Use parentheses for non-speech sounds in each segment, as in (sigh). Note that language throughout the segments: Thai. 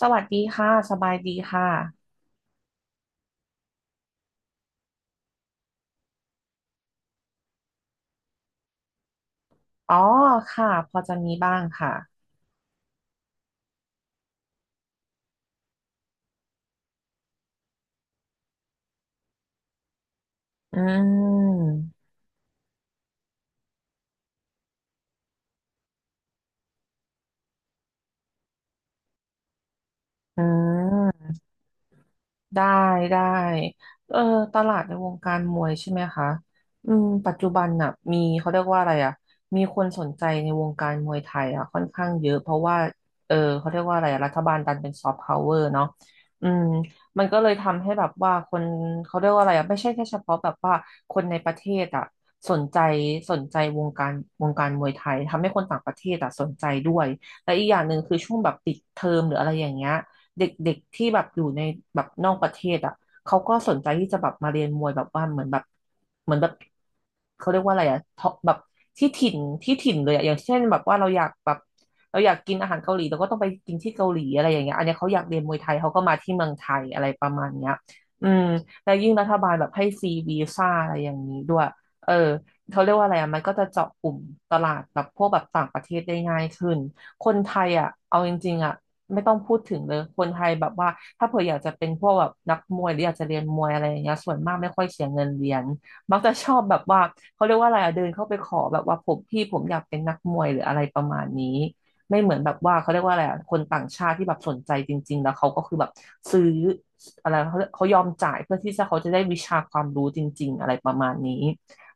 สวัสดีค่ะสบายดีค่ะอ๋อค่ะพอจะมีบ้างค่ะอืมอืม ได้ได้เออตลาดในวงการมวยใช่ไหมคะปัจจุบันน่ะมีเขาเรียกว่าอะไรอ่ะมีคนสนใจในวงการมวยไทยอ่ะค่อนข้างเยอะเพราะว่าเขาเรียกว่าอะไรอะรัฐบาลดันเป็นซอฟต์พาวเวอร์เนาะอืมมันก็เลยทำให้แบบว่าคนเขาเรียกว่าอะไรอ่ะไม่ใช่แค่เฉพาะแบบว่าคนในประเทศอ่ะสนใจสนใจวงการมวยไทยทำให้คนต่างประเทศอ่ะสนใจด้วยและอีกอย่างหนึ่งคือช่วงแบบปิดเทอมหรืออะไรอย่างเงี้ย เด็กๆที่แบบอยู่ในแบบนอกประเทศอ่ะเขาก็สนใจที่จะแบบมาเรียนมวยแบบว่าเหมือนแบบเหมือนแบบเขาเรียกว่าอะไรอ่ะท็อปแบบที่ถิ่นที่ถิ่นเลยอะอย่างเช่นแบบว่าเราอยากแบบเราอยากกินอาหารเกาหลีเราก็ต้องไปกินที่เกาหลีอะไรอย่างเงี้ยอันเนี้ยเขาอยากเรียนมวยไทยเขาก็มาที่เมืองไทยอะไรประมาณเนี้ยอืมแล้วยิ่งรัฐบาลแบบให้ฟรีวีซ่าอะไรอย่างนี้ด้วยเออเขาเรียกว่าอะไรอ่ะมันก็จะเจาะกลุ่มตลาดแบบพวกแบบต่างประเทศได้ง่ายขึ้นคนไทยอ่ะเอาจริงๆอ่ะ ไม่ต้องพูดถึงเลย คนไทยแบบว่าถ้าเผื่ออยากจะเป็นพวกแบบนักมวยหรืออยากจะเรียนมวยอะไรอย่างเงี้ยส่วนมากไม่ค่อยเสียเงินเรียนมักจะชอบแบบว่าเขาเรียกว่าอะไรอะเดินเข้าไปขอแบบว่าผมพี่ผมอยากเป็นนักมวยหรืออะไรประมาณนี้ไม่เหมือนแบบว่าเขาเรียกว่าอะไรอะคนต่างชาติที่แบบสนใจจริงๆแล้วเขาก็คือแบบซื้ออะไรเขาเขายอมจ่ายเพื่อที่จะเขาจะได้วิชาความรู้จริงๆอะไรประมาณนี้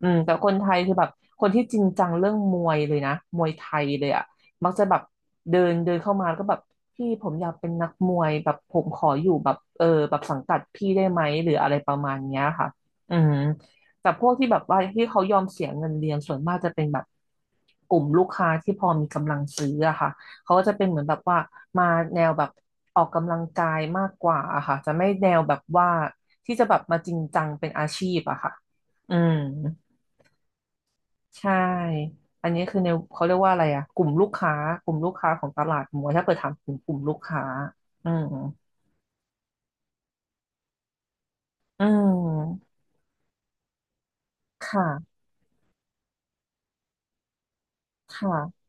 แต่คนไทยคือแบบคนที่จริงจังเรื่องมวยเลยนะมวยไทยเลยอะ มักจะแบบเดินเดินเข้ามาแล้วก็แบบพี่ผมอยากเป็นนักมวยแบบผมขออยู่แบบเออแบบสังกัดพี่ได้ไหมหรืออะไรประมาณเนี้ยค่ะอืมแต่พวกที่แบบว่าที่เขายอมเสียเงินเรียนส่วนมากจะเป็นแบบกลุ่มลูกค้าที่พอมีกำลังซื้ออะค่ะเขาก็จะเป็นเหมือนแบบว่ามาแนวแบบออกกำลังกายมากกว่าอะค่ะจะไม่แนวแบบว่าที่จะแบบมาจริงจังเป็นอาชีพอะค่ะอืม ใช่อันนี้คือในเขาเรียกว่าอะไรอ่ะกลุ่มลูกค้าของตลาดหมวยถ้าเกิดถามถึงกลุ่มลูกค้าอืมอืมค่ะค่ะ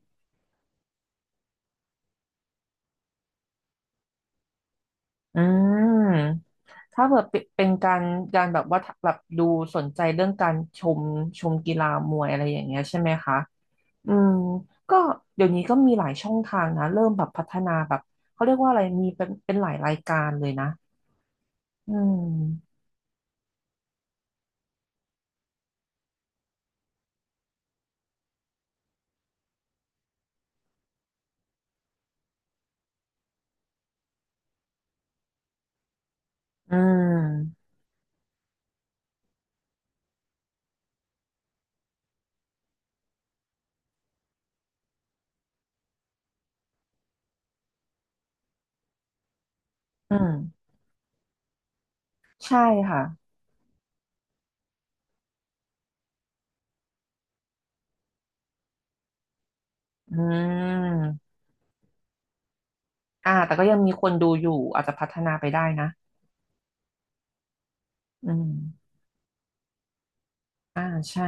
อืมถ้าเกิดเป็นการแบบว่าแบบดูสนใจเรื่องการชมกีฬามวยอะไรอย่างเงี้ยใช่ไหมคะอืมก็เดี๋ยวนี้ก็มีหลายช่องทางนะเริ่มแบบพัฒนาแบบเขาเรียกว่าอะไรมีเป็นหลายรายการเลยนะอืมอืมอืมใช่ค่ะ อืมอ่าแต่ก็ยังมีคนดูอยู่อาจจะพัฒนาไปได้นะ อืมอ่าใช่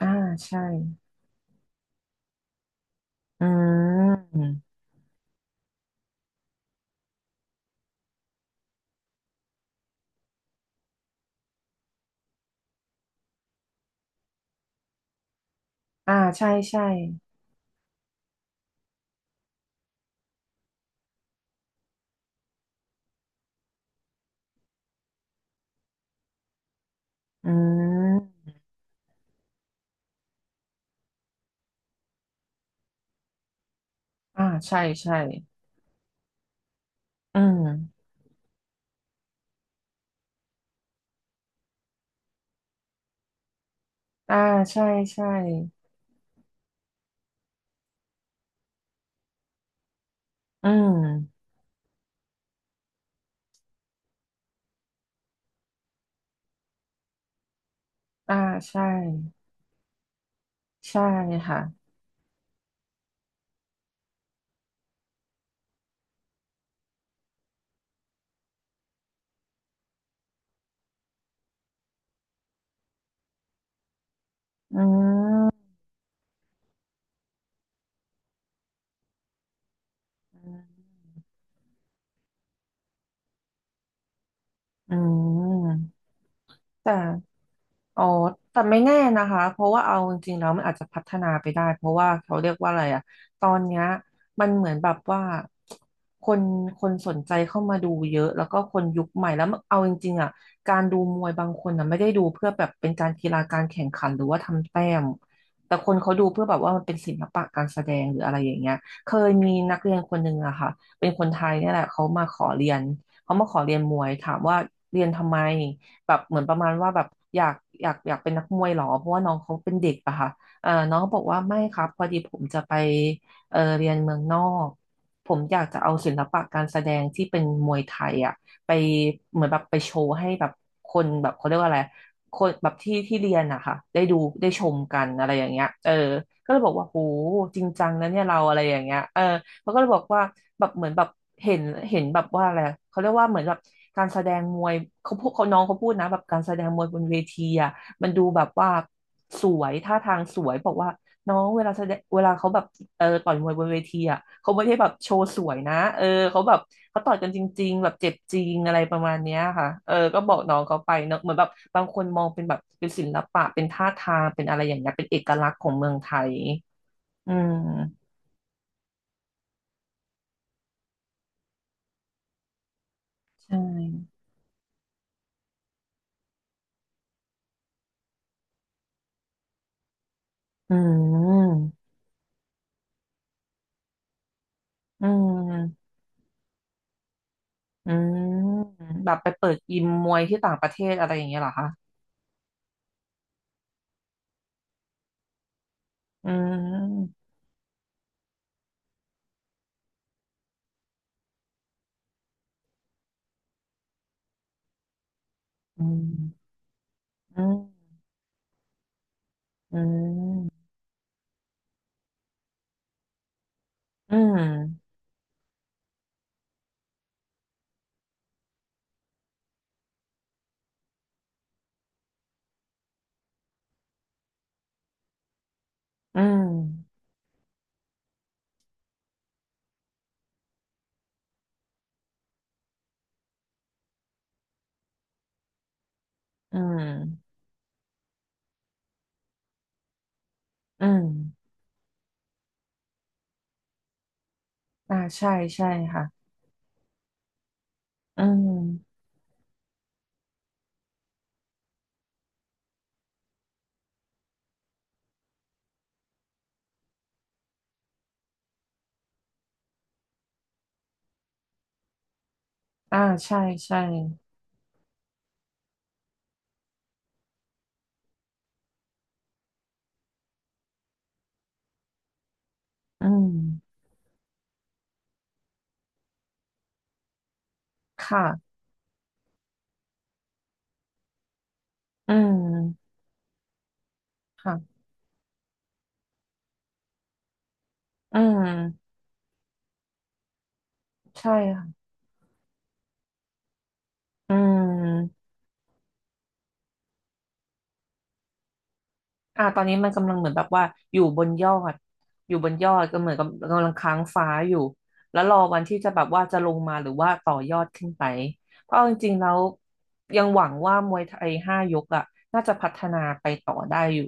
อ่าใช่อืมอ่าใช่ใช่อืมอ่าใช่ใช่อืมอ่าใช่ใช่อืมอ่าใช่ใช่ค่ะอืมอืม แต่อ๋อแต่ไม่แน่นะคะ เพราะว่าเอาจริงๆแล้วมันอาจจะพัฒนาไปได้ เพราะว่าเขาเรียกว่าอะไรอะตอนเนี้ยมันเหมือนแบบว่าคนคนสนใจเข้ามาดูเยอะ แล้วก็คนยุคใหม่แล้วเอาจริงๆอะการดูมวยบางคนนะไม่ได้ดูเพื่อแบบเป็นการกีฬาการแข่งขันหรือว่าทำแต้มแต่คนเขาดูเพื่อแบบว่ามันเป็นศิลปะการแสดงหรืออะไรอย่างเงี้ยเคยมีนักเรียนคนหนึ่งอะค่ะเป็นคนไทยเนี่ยแหละเขามาขอเรียนเขามาขอเรียนมวยถามว่าเรียนทำไม แบบเหมือนประมาณว่าแบบอยากอยากเป็นนักมวยเหรอเพราะว่าน้องเขาเป็นเด็กอะค่ะเออน้องก็บอกว่าไม่ครับพอดีผมจะไปเรียนเมืองนอกผมอยากจะเอาศิลปะการแสดงที่เป็นมวยไทยอะไปเหมือนแบบไปโชว์ให้แบบคนแบบเขาเรียกว่าอะไรคนแบบที่ที่เรียนอะค่ะได้ดูได้ชมกันอะไรอย่างเงี้ยก็เลยบอกว่าโหจริงจังนะเนี่ยเราอะไรอย่างเงี้ยเขาก็เลยบอกว่าแบบเหมือนแบบเห็นเห็นแบบว่าอะไรเขาเรียกว่าเหมือนแบบการแสดงมวยเขาพูดเขาน้องเขาพูดนะแบบการแสดงมวยบนเวทีอ่ะมันดูแบบว่าสวยท่าทางสวยบอกว่าน้องเวลาแสดงเวลาเขาแบบต่อยมวยบนเวทีอ่ะเขาไม่ได้แบบโชว์สวยนะเออเขาแบบเขาต่อยกันจริงๆแบบเจ็บจริงอะไรประมาณเนี้ยค่ะเออก็บอกน้องเขาไปเนอะเหมือนแบบบางคนมองเป็นแบบเป็นศิลปะเป็นท่าทางเป็นอะไรอย่างเงี้ยเป็นเอกลักษณ์ของเมืองไทยอืมใช่ อืม อืม อืมแบบไปเปิดยิมมวยที่ต่างประเทศอะไรอย่างเงี้ยเหรอคะอืม อืม อืม อืม อืม อืม อืมอืมอ่าใช่ใช่ค่ะอืมอ่าใช่ใช่อืมค่ะอืม ค่ะ อืม ใช่ค่ะอืม อ่าตอนนี้มันกำลังเหมือนแบบว่าอยู่บนยอดอยู่บนยอดก็เหมือนกับกำลังค้างฟ้าอยู่แล้วรอวันที่จะแบบว่าจะลงมาหรือว่าต่อยอดขึ้นไปเพราะเอาจริงๆแล้วยังหวังว่ามวยไทยห้ายกอ่ะน่าจะพัฒนาไปต่อได้อยู่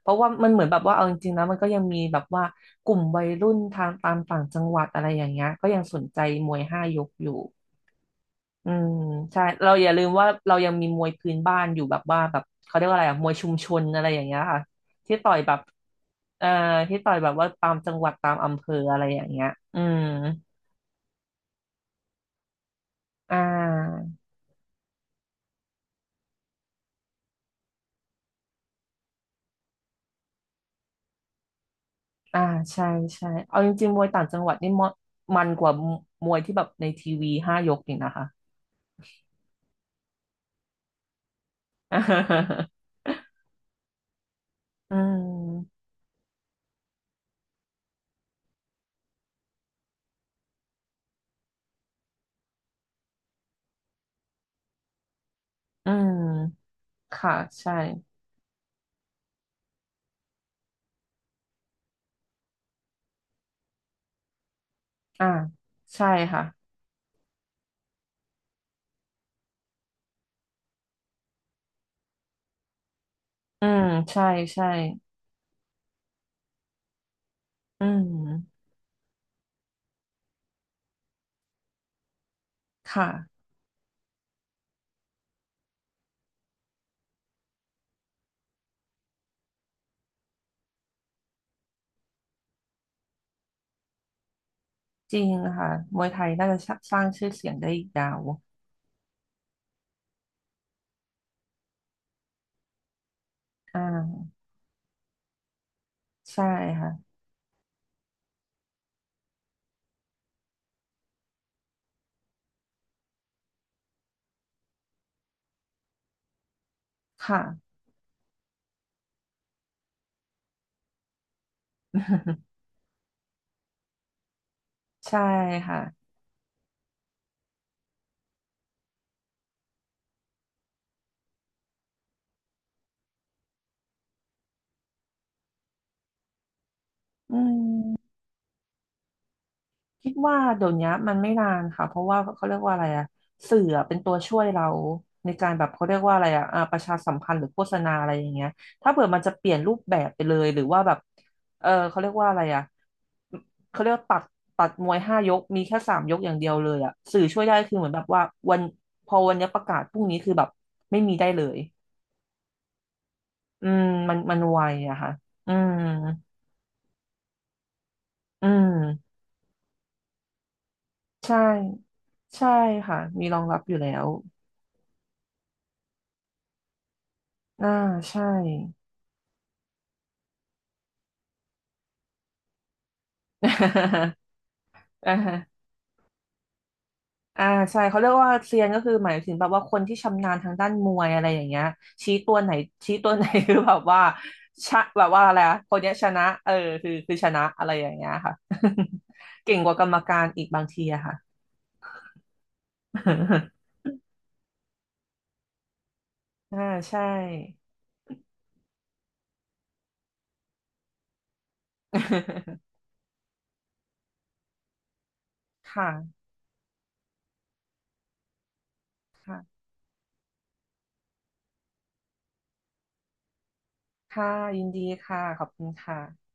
เพราะว่ามันเหมือนแบบว่าเอาจริงๆแล้วมันก็ยังมีแบบว่ากลุ่มวัยรุ่นทางตามต่างจังหวัดอะไรอย่างเงี้ยก็ยังสนใจมวยห้ายกอยู่ อืมใช่เราอย่าลืมว่าเรายังมีมวยพื้นบ้านอยู่แบบว่าแบบเขาเรียกว่าอะไรอะมวยชุมชนอะไรอย่างเงี้ยค่ะที่ต่อยแบบเอ่อที่ต่อยแบบว่าตามจังหวัดตามอำเภออะไรอย่างเงี้ยอืมอ่าอ่าใช่ใช่เอาจริงๆมวยต่างจังหวัดนี่มมันกว่ามวยที่แบบในทีวีห้ายกอีกนะคะ (laughs) อืมอืมค่ะใช่อ่าใช่ค่ะอืมใช่ใช่อืมค่ะ จริงค่ะมวยไทยน่าจะสร้างชื่อเสียงได้อีกยาว อ่าใช่ค่ะ ค่ะ (laughs) ใช่ค่ะอืม คิดว่าเดี๋ยวนี้มันไม่นานค่ะเพราะว่าเขาเรียกว่าอะไรอะสื่ออะเป็นตัวช่วยเราในการแบบเขาเรียกว่าอะไรอะอ่าประชาสัมพันธ์หรือโฆษณาอะไรอย่างเงี้ยถ้าเผื่อมันจะเปลี่ยนรูปแบบไปเลยหรือว่าแบบเออเขาเรียกว่าอะไรอะเขาเรียกว่าตัดตัดมวยห้ายกมีแค่3 ยกอย่างเดียวเลยอะสื่อช่วยได้คือเหมือนแบบว่าวันพอวันนี้ประกาศพรุ่งนี้คือแบบไม่มีได้เลยอืมมันมันไวอะค่ะอืมอืมใช่ใช่ค่ะมีรองรับอยู่แล้ว อ่าใช่ (laughs) อ่าอ่าใช่เขาเรียกว่าเซียนก็คือหมายถึงแบบว่าคนที่ชำนาญทางด้านมวยอะไรอย่างเงี้ยชี้ตัวไหนชี้ตัวไหน (laughs) คือแบบว่าชะ (laughs) แบบว่าอะไรอะคนเนี้ยชนะเออคือคือชนะอะไรอย่างเงี้ยค่ะ (laughs) เก่งกว่ากรรมการอีกบางทีอะค่ะ (laughs) อ่าใช่ (laughs) ค่ะค่ะค่ะยินดีค่ะขอบคุณค่ะ